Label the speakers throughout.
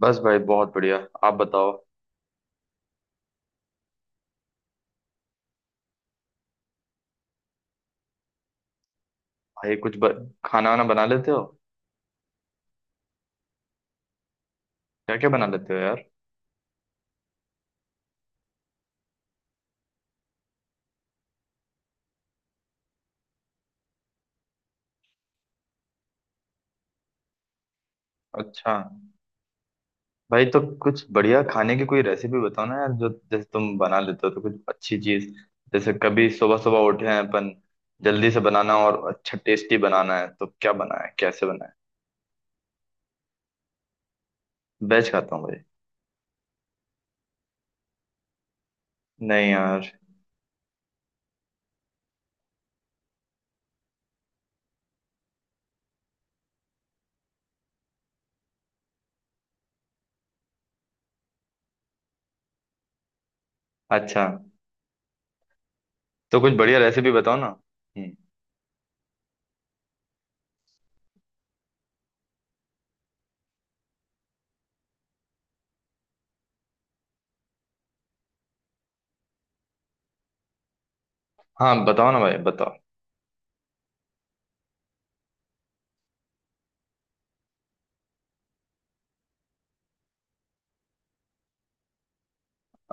Speaker 1: बस भाई बहुत बढ़िया। आप बताओ। भाई खाना वाना बना लेते हो? क्या क्या बना लेते हो यार? अच्छा। भाई तो कुछ बढ़िया खाने की कोई रेसिपी बताओ ना यार, जो जैसे तुम बना लेते हो, तो कुछ अच्छी चीज। जैसे कभी सुबह सुबह उठे हैं अपन, जल्दी से बनाना और अच्छा टेस्टी बनाना है, तो क्या बनाए, कैसे बनाए? वेज खाता हूँ भाई। नहीं यार। अच्छा। तो कुछ बढ़िया रेसिपी बताओ ना। हम्म। हाँ, बताओ ना भाई, बताओ।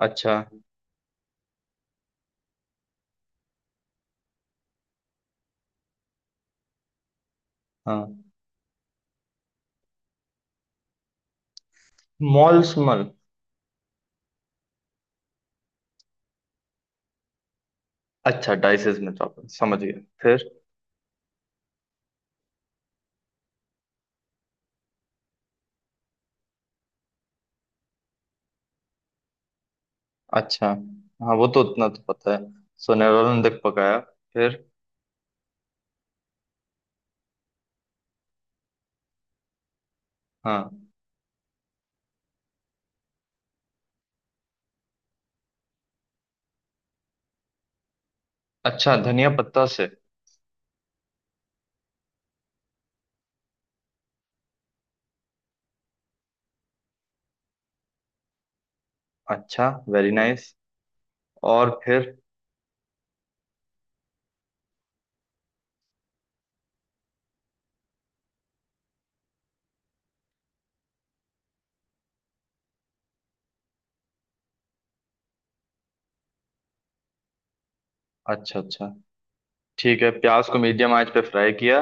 Speaker 1: अच्छा। हाँ। Mall small. अच्छा, डाइसेस में चॉपर, समझ गया। फिर? अच्छा। हाँ, वो तो उतना तो पता है। सोनेरों ने तक पकाया। फिर? हाँ। अच्छा, धनिया पत्ता से। अच्छा, वेरी नाइस। और फिर? अच्छा अच्छा, ठीक है। प्याज को मीडियम आंच पे फ्राई किया।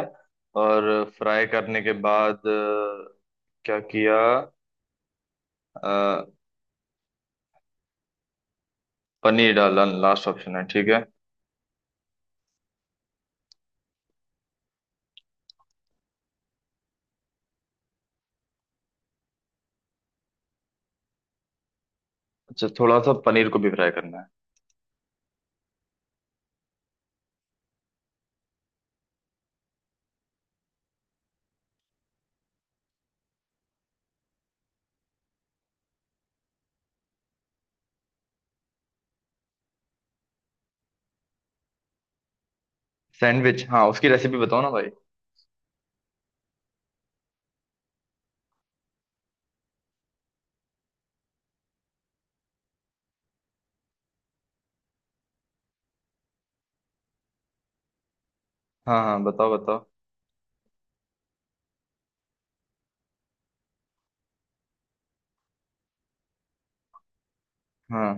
Speaker 1: और फ्राई करने के बाद क्या किया? अ, पनीर डाला, लास्ट ऑप्शन है, ठीक है। अच्छा, थोड़ा सा पनीर को भी फ्राई करना है। सैंडविच? हाँ, उसकी रेसिपी बताओ ना भाई। हाँ हाँ, बताओ बताओ। हाँ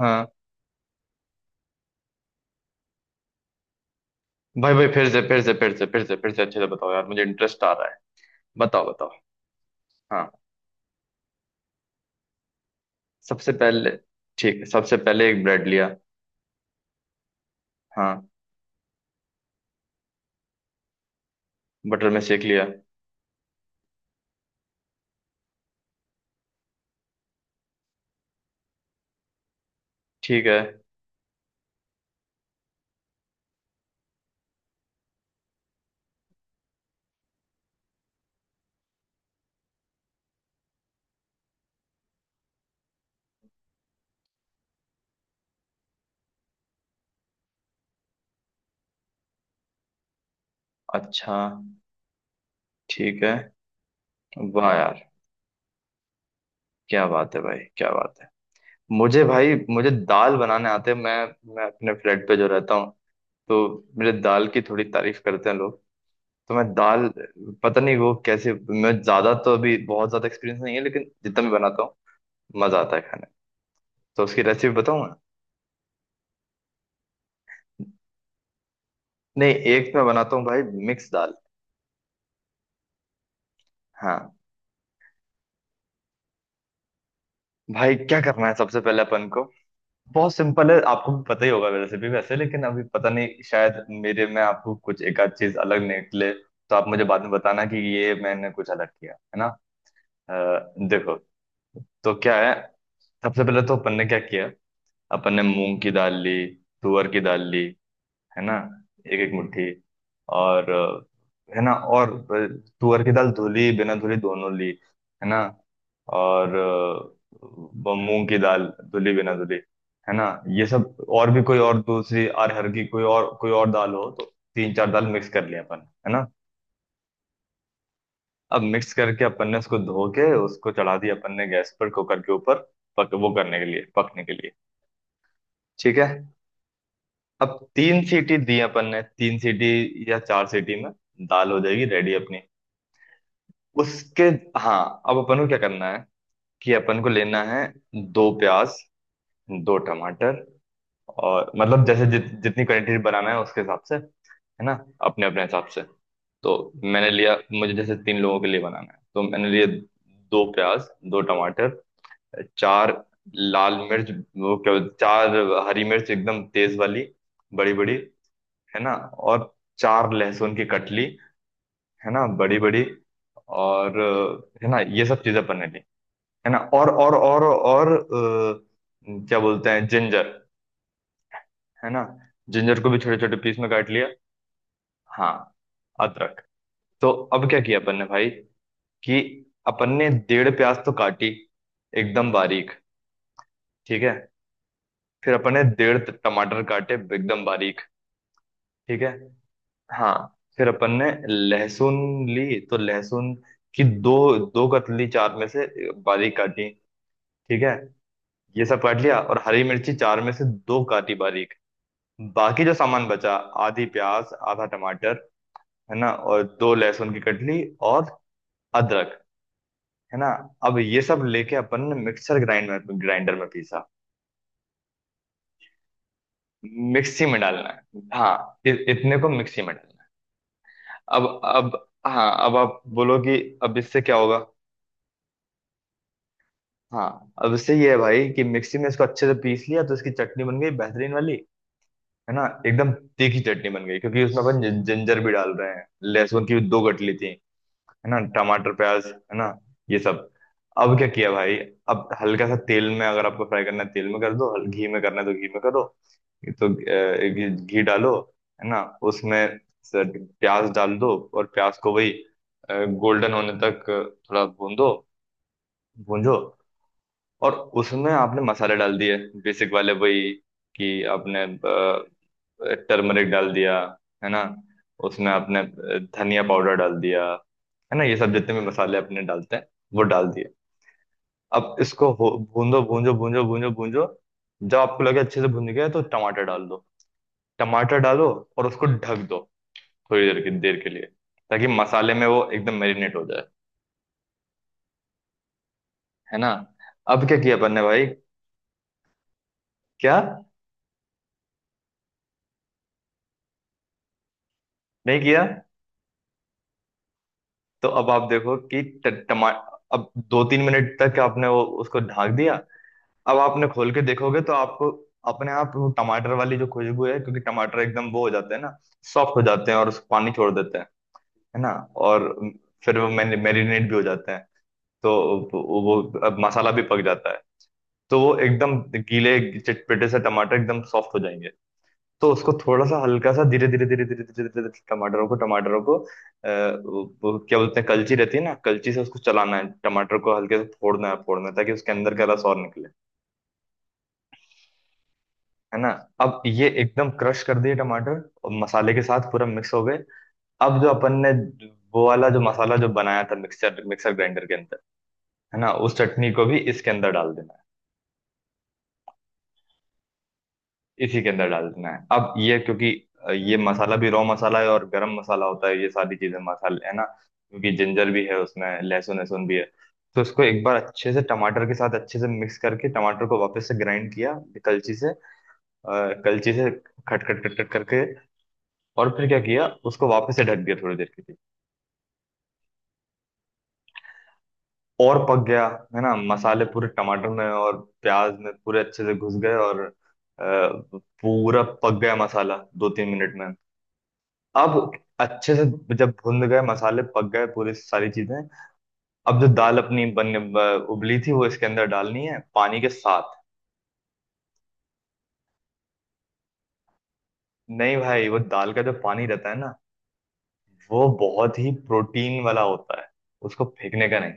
Speaker 1: हाँ, भाई भाई, फिर से फिर से फिर से फिर से फिर से अच्छे से बताओ यार, मुझे इंटरेस्ट आ रहा है। बताओ बताओ। हाँ। सबसे पहले। ठीक है, सबसे पहले एक ब्रेड लिया। हाँ, बटर में सेक लिया। ठीक है। अच्छा। ठीक है। वाह यार! क्या बात है भाई, क्या बात है! मुझे भाई, मुझे दाल बनाने आते हैं। मैं अपने फ्लैट पे जो रहता हूँ, तो मेरे दाल की थोड़ी तारीफ करते हैं लोग। तो मैं दाल, पता नहीं वो कैसे। मैं ज्यादा तो, अभी बहुत ज्यादा एक्सपीरियंस नहीं है, लेकिन जितना मैं बनाता हूँ, मजा आता है खाने में। तो उसकी रेसिपी बताऊँ मैं? नहीं, एक मैं बनाता हूँ भाई, मिक्स दाल। हाँ भाई, क्या करना है सबसे पहले अपन को? बहुत सिंपल है, आपको भी पता ही होगा वैसे भी, वैसे, लेकिन अभी पता नहीं, शायद मेरे में आपको कुछ एक आध चीज अलग निकले, तो आप मुझे बाद में बताना कि ये मैंने कुछ अलग किया है ना। देखो। तो क्या है, सबसे पहले तो अपन ने क्या किया, अपन ने मूंग की दाल ली, तुअर की दाल ली, है ना, एक एक मुट्ठी। और है ना, और तुअर की दाल धुली बिना धुली दोनों ली, है ना, और मूंग की दाल धुली बिना धुली, है ना, ये सब, और भी कोई और दूसरी अरहर की कोई और दाल हो तो, तीन चार दाल मिक्स कर लिया अपन, है ना। अब मिक्स करके अपन ने उसको धो के उसको चढ़ा दिया अपन ने, गैस पर कुकर के ऊपर, पक वो करने के लिए पकने के लिए। ठीक है। अब तीन सीटी दी अपन ने, तीन सीटी या चार सीटी में दाल हो जाएगी रेडी अपनी। उसके, हाँ, अब अपन को क्या करना है, कि अपन को लेना है दो प्याज, दो टमाटर, और मतलब जैसे जितनी क्वांटिटी बनाना है उसके हिसाब से, है ना, अपने अपने हिसाब से। तो मैंने लिया, मुझे जैसे तीन लोगों के लिए बनाना है, तो मैंने लिए दो प्याज, दो टमाटर, चार लाल मिर्च, वो क्या, चार हरी मिर्च एकदम तेज वाली, बड़ी बड़ी, है ना, और चार लहसुन की कटली, है ना, बड़ी बड़ी, और है ना, ये सब चीजें बने ली, है ना, और क्या बोलते हैं, जिंजर, है ना, जिंजर को भी छोटे छोटे पीस में काट लिया। हाँ, अदरक। तो अब क्या किया अपन ने भाई, कि अपन ने डेढ़ प्याज तो काटी, एकदम बारीक, ठीक है, फिर अपन ने डेढ़ टमाटर काटे एकदम बारीक, ठीक है। हाँ, फिर अपन ने लहसुन ली, तो लहसुन की दो दो कतली चार में से बारीक काटी, ठीक है, ये सब काट लिया, और हरी मिर्ची चार में से दो काटी बारीक, बाकी जो सामान बचा, आधी प्याज, आधा टमाटर, है ना, और दो लहसुन की कटली, और अदरक, है ना। अब ये सब लेके अपन ने मिक्सर ग्राइंड में ग्राइंडर में पीसा। मिक्सी में डालना है? हाँ, इतने को मिक्सी में डालना है। अब हाँ, अब आप बोलो कि अब इससे क्या होगा। हाँ, अब इससे ये है भाई कि मिक्सी में इसको अच्छे से पीस लिया, तो इसकी चटनी बन गई बेहतरीन वाली, है ना, एकदम तीखी चटनी बन गई, क्योंकि उसमें अपन जिंजर भी डाल रहे हैं, लहसुन की भी दो गठली थी, है ना, टमाटर, प्याज, है ना, ये सब। अब क्या किया भाई, अब हल्का सा तेल में, अगर आपको फ्राई करना है तेल में कर दो, घी में करना है तो घी में करो, ये तो घी, घी डालो, है ना, उसमें स- प्याज डाल दो, और प्याज को वही गोल्डन होने तक थोड़ा भून दो, भूंजो, और उसमें आपने मसाले डाल दिए, बेसिक वाले वही, कि आपने टर्मरिक डाल दिया, है ना, उसमें आपने धनिया पाउडर डाल दिया, है ना, ये सब जितने भी मसाले अपने डालते हैं, वो डाल दिए। अब इसको भूंदो, भूंजो भूंजो भूंजो भूंजो, जब आपको लगे अच्छे से भून गया तो टमाटर डाल दो, टमाटर डालो, और उसको ढक दो थोड़ी देर के लिए, ताकि मसाले में वो एकदम मैरिनेट हो जाए, है ना। अब क्या किया अपन ने भाई? क्या? नहीं किया? तो अब आप देखो कि ट- टमा अब 2-3 मिनट तक आपने वो उसको ढाक दिया, अब आपने खोल के देखोगे तो आपको अपने आप वो टमाटर वाली जो खुशबू है, क्योंकि टमाटर एकदम वो हो जाते हैं ना, सॉफ्ट हो जाते हैं और उस पानी छोड़ देते हैं, है ना, और फिर वो मैरिनेट भी हो जाते हैं, तो अब मसाला भी पक जाता है, तो वो एकदम गीले चटपटे से टमाटर एकदम सॉफ्ट हो जाएंगे, तो उसको थोड़ा सा हल्का सा धीरे धीरे धीरे धीरे धीरे धीरे धीरे टमाटरों को वो क्या बोलते हैं, कलची रहती है ना, कलची से उसको चलाना है, टमाटर को हल्के से फोड़ना है, फोड़ना है, ताकि उसके अंदर का रस और निकले, है ना। अब ये एकदम क्रश कर दिए टमाटर और मसाले के साथ पूरा मिक्स हो गए। अब जो अपन ने वो वाला जो मसाला जो बनाया था मिक्सर मिक्सर ग्राइंडर के अंदर, है ना, उस चटनी को भी इसके अंदर डाल देना, इसी के अंदर डाल देना है। अब ये क्योंकि ये मसाला भी रॉ मसाला है, और गरम मसाला होता है ये सारी चीजें मसाले, है ना, क्योंकि जिंजर भी है उसमें, लहसुन, लहसुन भी है, तो इसको एक बार अच्छे से टमाटर के साथ अच्छे से मिक्स करके टमाटर को वापस से ग्राइंड किया, कलची से, अ, कलची से, खट खट खट खट करके, और फिर क्या किया, उसको वापस से ढक दिया थोड़ी देर के लिए, और पक गया, है ना, मसाले पूरे टमाटर में और प्याज में पूरे अच्छे से घुस गए, और पूरा पक गया मसाला 2-3 मिनट में। अब अच्छे से, जब भुन गए मसाले, पक गए पूरी सारी चीजें, अब जो दाल अपनी उबली थी वो इसके अंदर डालनी है, पानी के साथ। नहीं भाई, वो दाल का जो पानी रहता है ना, वो बहुत ही प्रोटीन वाला होता है, उसको फेंकने का नहीं,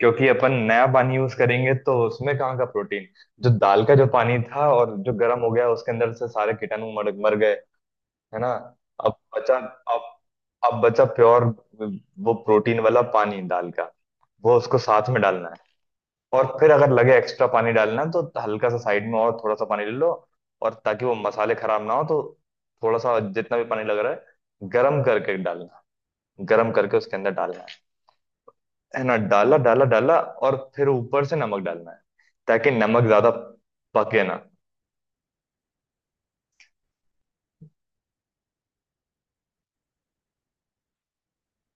Speaker 1: क्योंकि अपन नया पानी यूज करेंगे तो उसमें कहाँ का प्रोटीन। जो दाल का जो पानी था और जो गर्म हो गया उसके अंदर से सारे कीटाणु मर मर गए, है ना। अब बचा, अब अब बचा प्योर वो प्रोटीन वाला पानी दाल का, वो उसको साथ में डालना है, और फिर अगर लगे एक्स्ट्रा पानी डालना तो हल्का सा साइड में और थोड़ा सा पानी ले लो, और ताकि वो मसाले खराब ना हो तो, थोड़ा सा जितना भी पानी लग रहा है गरम करके डालना, गरम करके उसके अंदर डालना है ना, डाला, डाला, डाला, और फिर ऊपर से नमक डालना है, ताकि नमक ज्यादा पके ना।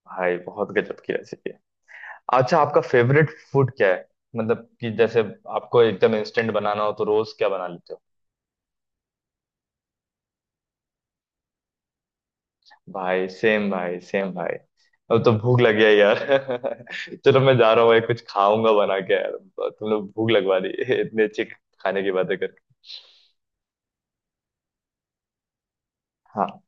Speaker 1: भाई बहुत गजब की रेसिपी है। अच्छा, आपका फेवरेट फूड क्या है, मतलब कि जैसे आपको एकदम इंस्टेंट बनाना हो तो रोज क्या बना लेते हो? भाई सेम भाई, सेम भाई। अब तो भूख लगी है यार। चलो मैं जा रहा हूँ भाई, कुछ खाऊंगा बना के यार। तुम लोग भूख लगवा दी इतने अच्छे खाने की बातें करके। हाँ।